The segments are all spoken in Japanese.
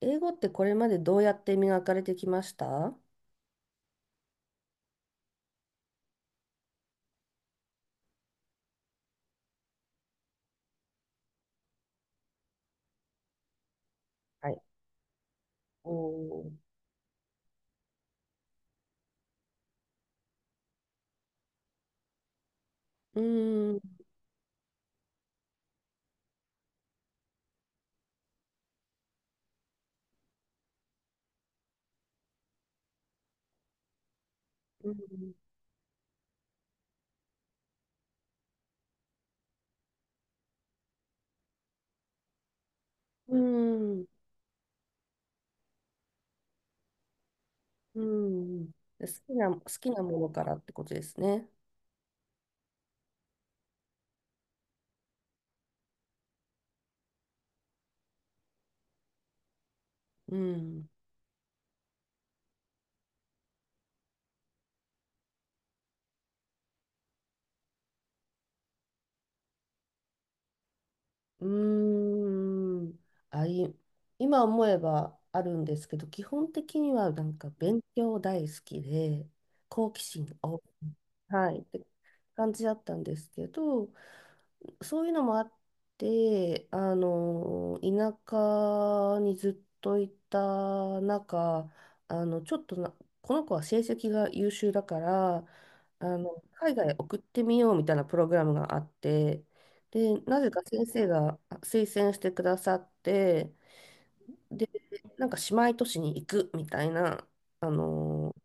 英語ってこれまでどうやって磨かれてきました？はい。おー。うーん、うん、うん。うん。で、好きなものからってことですね。うん、うーん。あ、い、今思えばあるんですけど、基本的にはなんか勉強大好きで、好奇心旺、はい、って感じだったんですけど、そういうのもあって、あの、田舎にずっといた中、あの、ちょっとな、この子は成績が優秀だから、あの、海外へ送ってみようみたいなプログラムがあって、で、なぜか先生が推薦してくださって、で、なんか姉妹都市に行くみたいな、あの、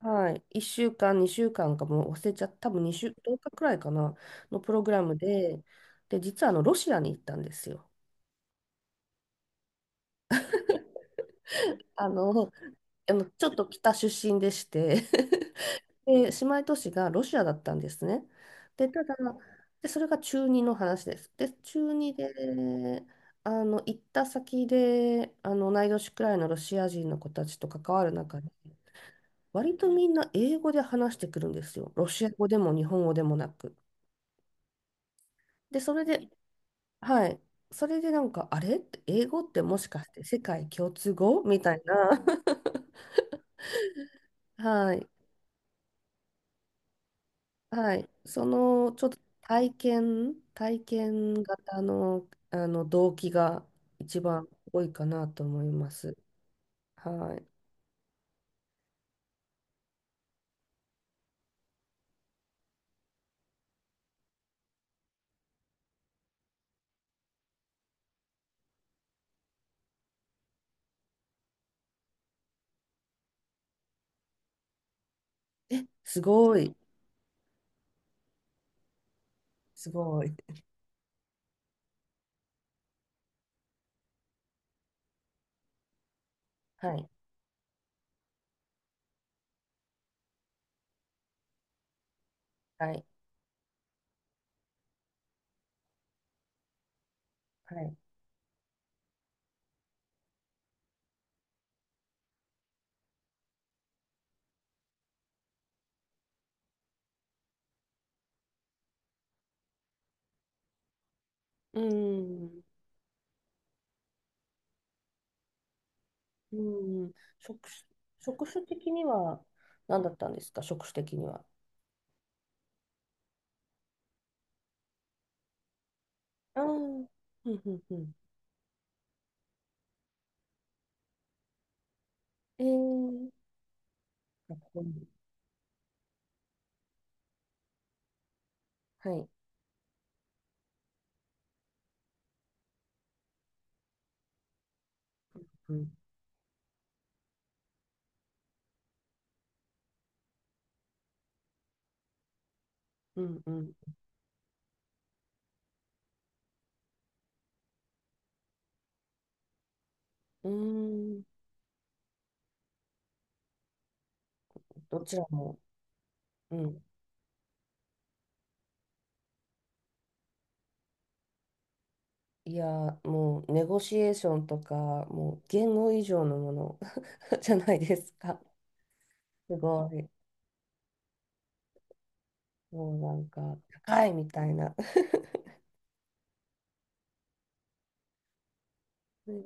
はい、1週間、2週間かんかもう忘れちゃった、多分2週、10日くらいかな、のプログラムで、で、実はあのロシアに行ったんですよ。あの、あのちょっと北出身でして で、姉妹都市がロシアだったんですね。で、ただ、で、それが中2の話です。で、中2で、あの、行った先で、あの、同い年くらいのロシア人の子たちと関わる中で、割とみんな英語で話してくるんですよ。ロシア語でも日本語でもなく。で、それで、はい。それでなんか、あれって英語ってもしかして世界共通語みたいな。はい。はい。その、ちょっと体験型の、あの動機が一番多いかなと思います。はい。すごい。すごい。はい。はい。はい。うん。うん。職種、職種的には何だったんですか、職種的には。ああ。うんうんうん。えー。かっこいい。はい。うん、うん、うん。うーん。どちらも、うん。いや、もう、ネゴシエーションとか、もう、言語以上のもの じゃないですか。すごい。もうなんか、高いみたいな。うん、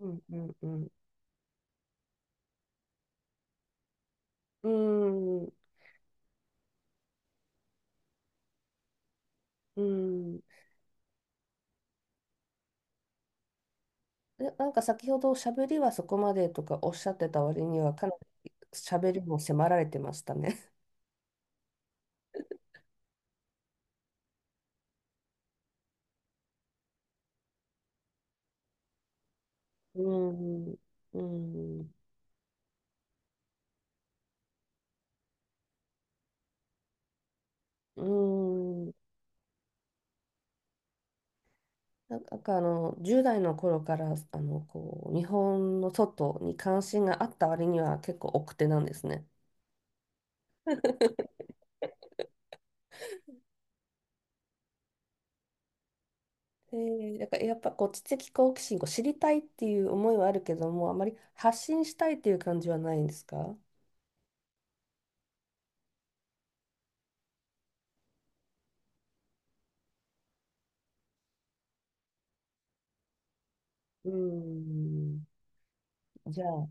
うん、うん。うん、うん。うん。で、なんか先ほど、しゃべりはそこまでとかおっしゃってた割には、かなりしゃべりも迫られてましたね。うん、うん、うん。なんかあの10代の頃から、あのこう日本の外に関心があった割には結構奥手なんですね。で、だからやっぱこう知的好奇心を知りたいっていう思いはあるけども、あまり発信したいっていう感じはないんですか？うーん。じゃあ、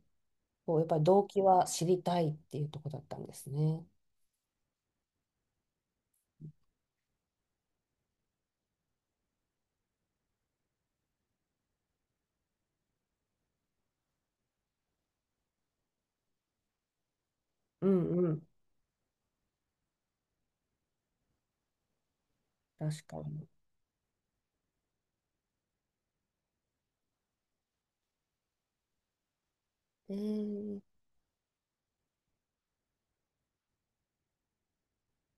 こうやっぱり動機は知りたいっていうところだったんですね。うんうん。確かに。えー。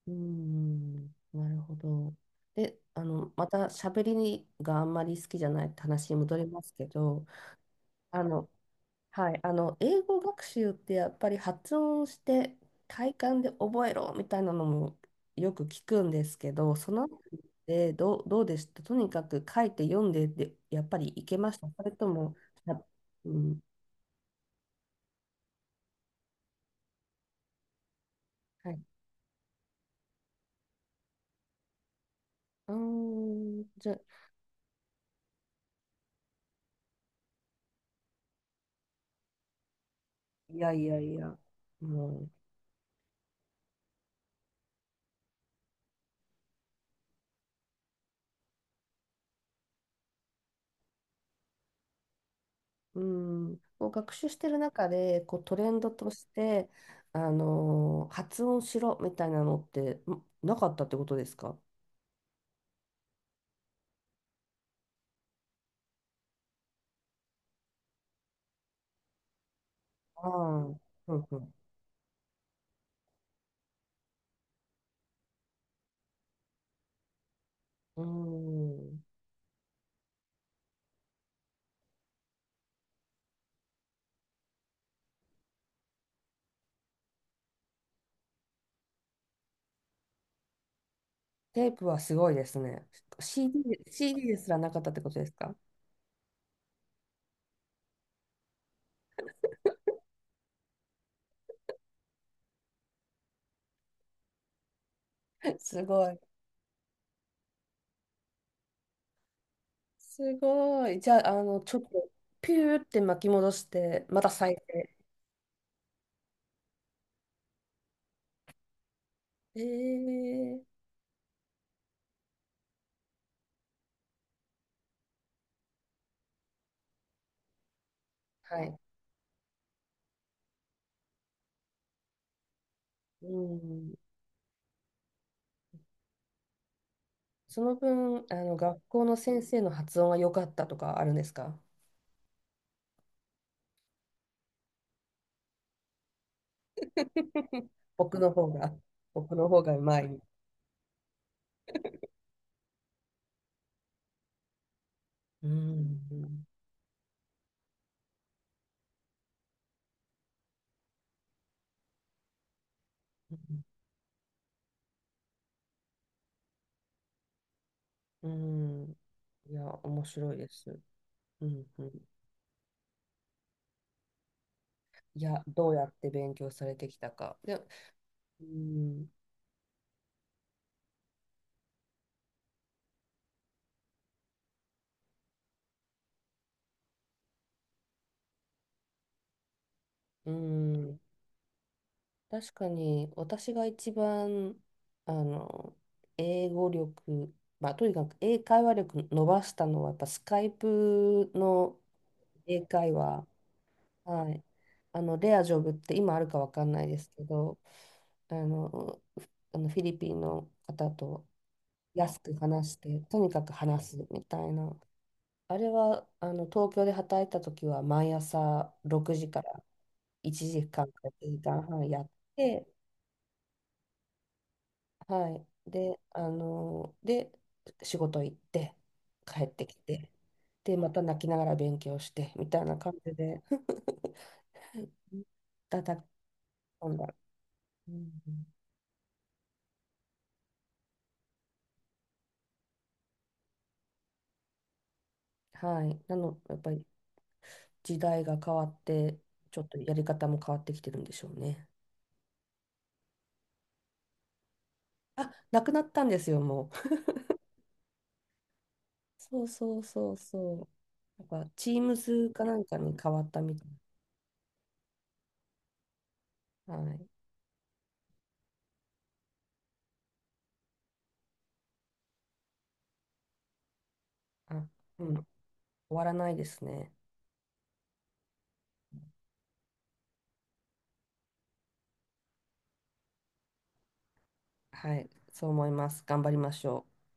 うーん、なるほど。で、あの、また喋りがあんまり好きじゃないって話に戻りますけど、あの、はい、あの、英語学習ってやっぱり発音して体感で覚えろみたいなのもよく聞くんですけど、そのあでどうでしたとにかく書いて読んでで、やっぱりいけましたそれとも、あ、うん、はい。うーん、じゃ、いやいやいや、もう。うん、こう学習してる中でこうトレンドとして、発音しろみたいなのってんなかったってことですか？ああ、うんうん。うん。テープはすごいですね。CD、CD ですらなかったってことですか？ すごい。すごい。じゃあ、あの、ちょっとピューって巻き戻して、また再生。えー、はい。うん。その分、あの、学校の先生の発音は良かったとかあるんですか？僕の方が、僕の方がうまい。うん。うん。うん。いや、面白いです。うんうん。いや、どうやって勉強されてきたか。で、うん。うん。確かに、私が一番、あの、英語力、まあ、とにかく英会話力伸ばしたのは、やっぱスカイプの英会話。はい。あの、レアジョブって今あるかわかんないですけど、あの、あのフィリピンの方と安く話して、とにかく話すみたいな。あれは、あの、東京で働いた時は毎朝6時から1時間かんから1時間半やって、はい。で、あの、で、仕事行って、帰ってきて、で、また泣きながら勉強して、みたいな感じで、たたき込んだ。うん。はい。なの、やっぱり時代が変わって、ちょっとやり方も変わってきてるんでしょうね。あ、なくなったんですよ、もう。そうそうそうそう。なんか、チームズかなんかに変わったみたい。はい。あ、うん。終わらないですね。はい。そう思います。頑張りましょう。